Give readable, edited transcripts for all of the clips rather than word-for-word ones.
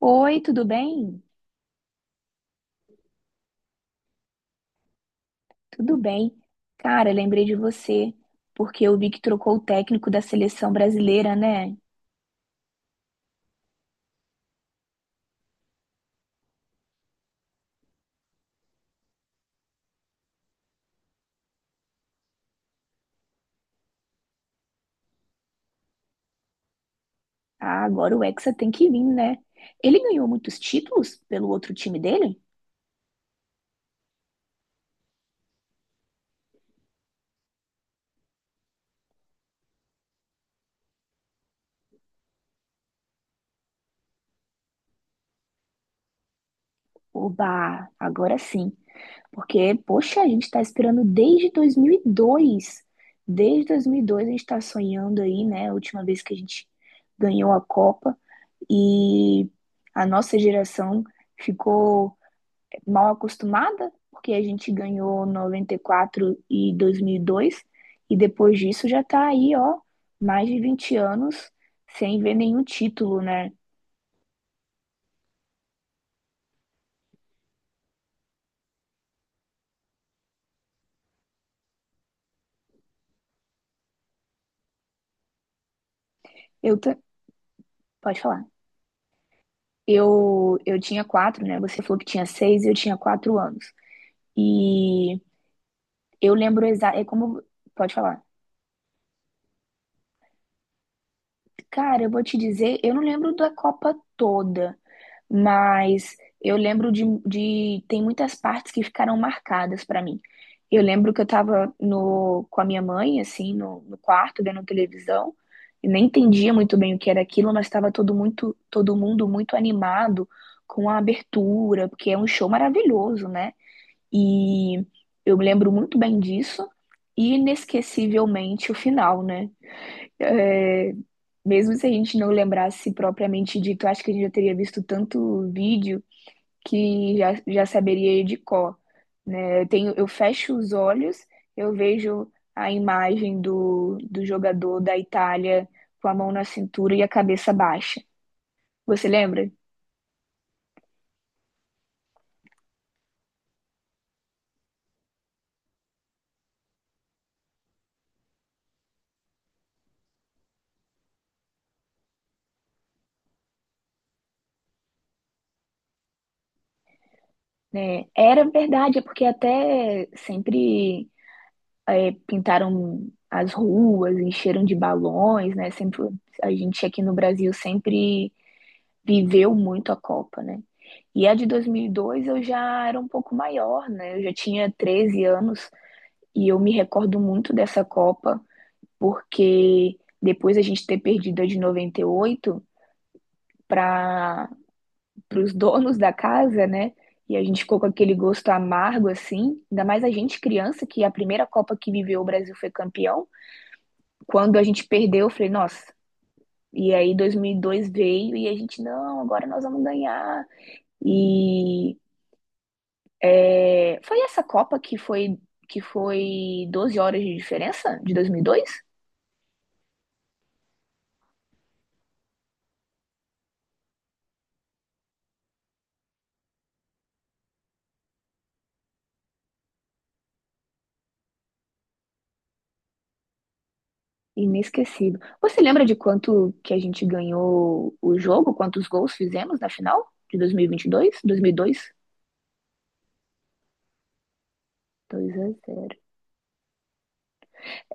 Oi, tudo bem? Tudo bem. Cara, lembrei de você, porque eu vi que trocou o técnico da seleção brasileira, né? Ah, agora o Hexa tem que vir, né? Ele ganhou muitos títulos pelo outro time dele? Oba, agora sim. Porque, poxa, a gente tá esperando desde 2002. Desde 2002 a gente tá sonhando aí, né? A última vez que a gente ganhou a Copa. E a nossa geração ficou mal acostumada, porque a gente ganhou noventa e quatro e dois mil e dois, e depois disso já tá aí, ó, mais de 20 anos sem ver nenhum título, né? Eu ta- Pode falar. Eu tinha quatro, né? Você falou que tinha seis, eu tinha quatro anos. E eu lembro exato. É como. Pode falar. Cara, eu vou te dizer, eu não lembro da Copa toda, mas eu lembro de tem muitas partes que ficaram marcadas pra mim. Eu lembro que eu tava no, com a minha mãe, assim, no quarto, vendo televisão, e nem entendia muito bem o que era aquilo, mas estava todo mundo muito animado com a abertura, porque é um show maravilhoso, né? E eu me lembro muito bem disso, e inesquecivelmente o final, né? É, mesmo se a gente não lembrasse propriamente dito, acho que a gente já teria visto tanto vídeo que já saberia de cor, né? Eu fecho os olhos, eu vejo a imagem do jogador da Itália com a mão na cintura e a cabeça baixa. Você lembra? Né? Era verdade, é porque até sempre, é, pintaram as ruas, encheram de balões, né? Sempre, a gente aqui no Brasil sempre viveu muito a Copa, né? E a de 2002 eu já era um pouco maior, né? Eu já tinha 13 anos e eu me recordo muito dessa Copa, porque depois a gente ter perdido a de 98 para os donos da casa, né? E a gente ficou com aquele gosto amargo, assim. Ainda mais a gente criança, que a primeira Copa que viveu o Brasil foi campeão. Quando a gente perdeu, eu falei, nossa. E aí 2002 veio e a gente, não, agora nós vamos ganhar. E é, foi essa Copa que foi 12 horas de diferença de 2002? Inesquecível. Você lembra de quanto que a gente ganhou o jogo? Quantos gols fizemos na final de 2022? 2002? Dois mil e dois? Dois a zero.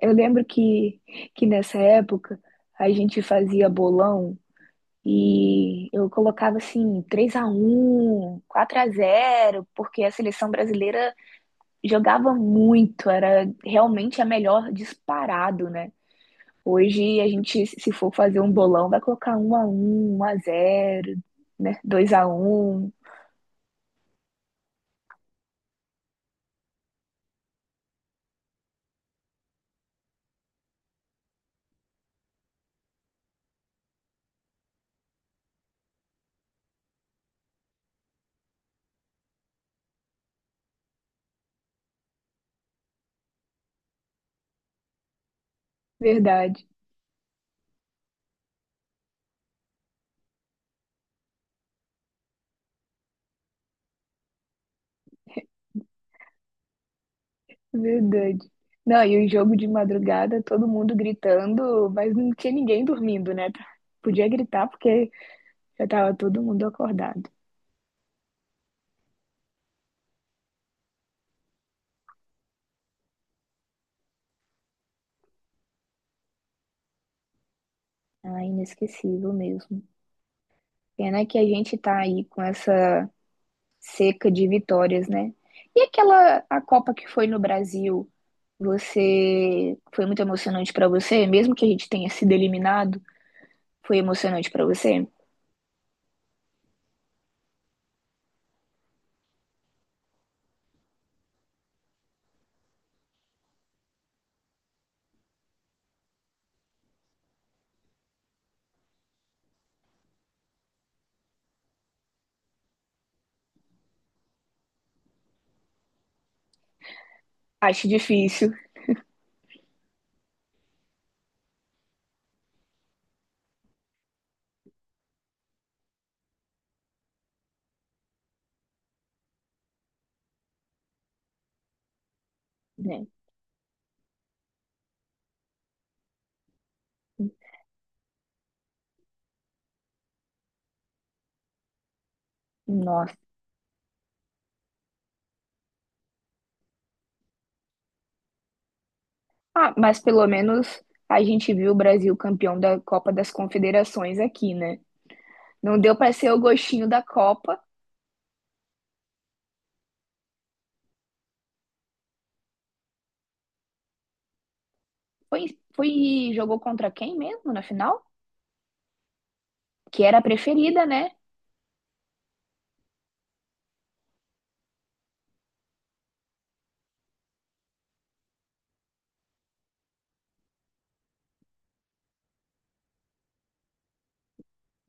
Eu lembro que nessa época a gente fazia bolão e eu colocava assim 3 a um, 4 a zero, porque a seleção brasileira jogava muito, era realmente a melhor disparado, né? Hoje a gente, se for fazer um bolão, vai colocar um a um, um a zero, né? 2 a um, verdade, verdade. Não, e o jogo de madrugada, todo mundo gritando, mas não tinha ninguém dormindo, né? Podia gritar porque já tava todo mundo acordado. Ah, inesquecível mesmo. Pena que a gente tá aí com essa seca de vitórias, né? E aquela a Copa que foi no Brasil, você foi muito emocionante pra você, mesmo que a gente tenha sido eliminado? Foi emocionante pra você? Acho difícil, né? Nossa. Ah, mas pelo menos a gente viu o Brasil campeão da Copa das Confederações aqui, né? Não deu pra ser o gostinho da Copa. Foi jogou contra quem mesmo na final? Que era a preferida, né?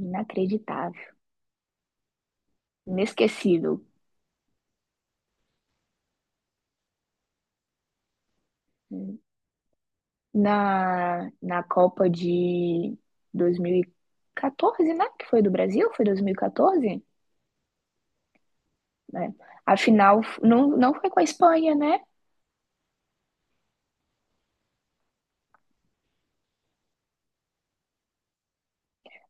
Inacreditável, inesquecível. Na Copa de 2014, né? Que foi do Brasil? Foi 2014? Né? A final não foi com a Espanha, né?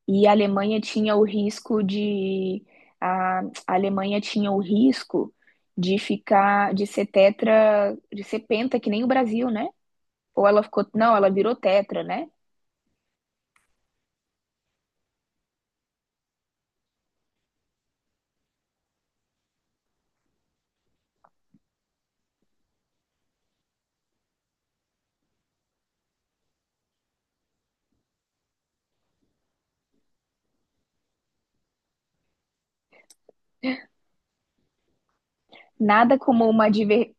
E a Alemanha tinha o risco de a Alemanha tinha o risco de ficar de ser tetra, de ser penta que nem o Brasil, né? Ou ela ficou, não, ela virou tetra, né? Nada como uma diver,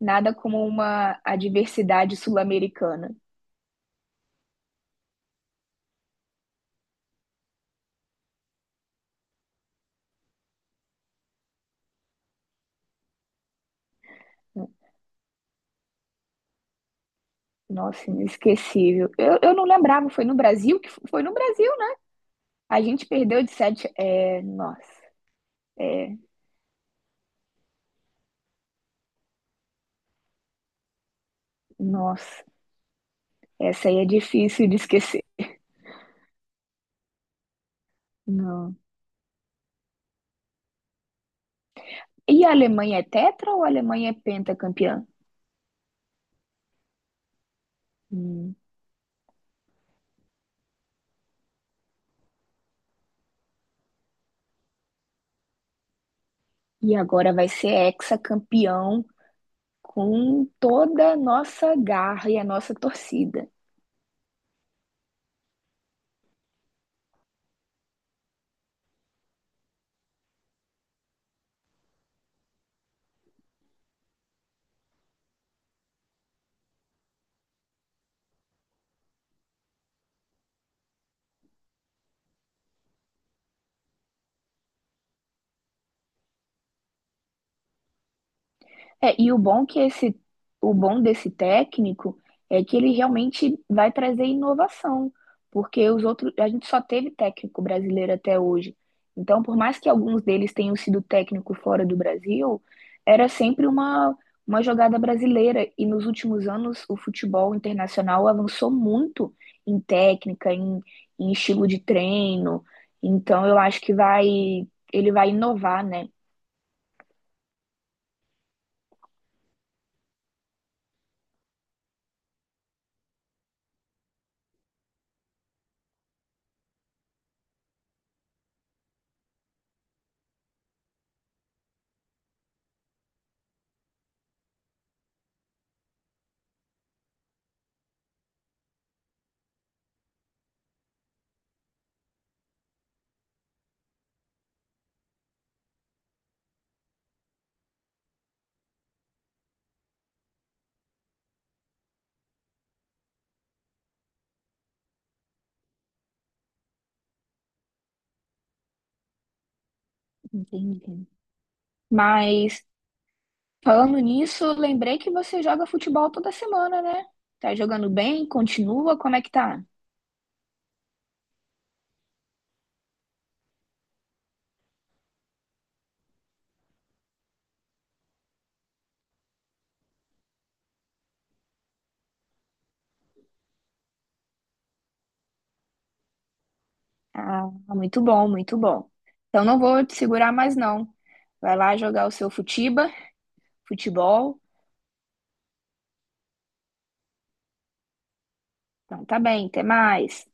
nada como uma adversidade sul-americana. Nossa, inesquecível. Eu não lembrava, foi no Brasil que foi no Brasil. Né? A gente perdeu de sete. É, nossa, é, nossa, essa aí é difícil de esquecer. Não. E a Alemanha é tetra ou a Alemanha é pentacampeã? Hum. E agora vai ser hexacampeão com toda a nossa garra e a nossa torcida. É, o bom desse técnico é que ele realmente vai trazer inovação, porque os outros, a gente só teve técnico brasileiro até hoje. Então, por mais que alguns deles tenham sido técnico fora do Brasil, era sempre uma jogada brasileira. E nos últimos anos, o futebol internacional avançou muito em técnica, em estilo de treino. Então, eu acho que ele vai inovar, né? Entendi. Mas falando nisso, lembrei que você joga futebol toda semana, né? Tá jogando bem? Continua? Como é que tá? Ah, muito bom, muito bom. Então não vou te segurar mais não. Vai lá jogar o seu futebol. Então tá bem, até mais.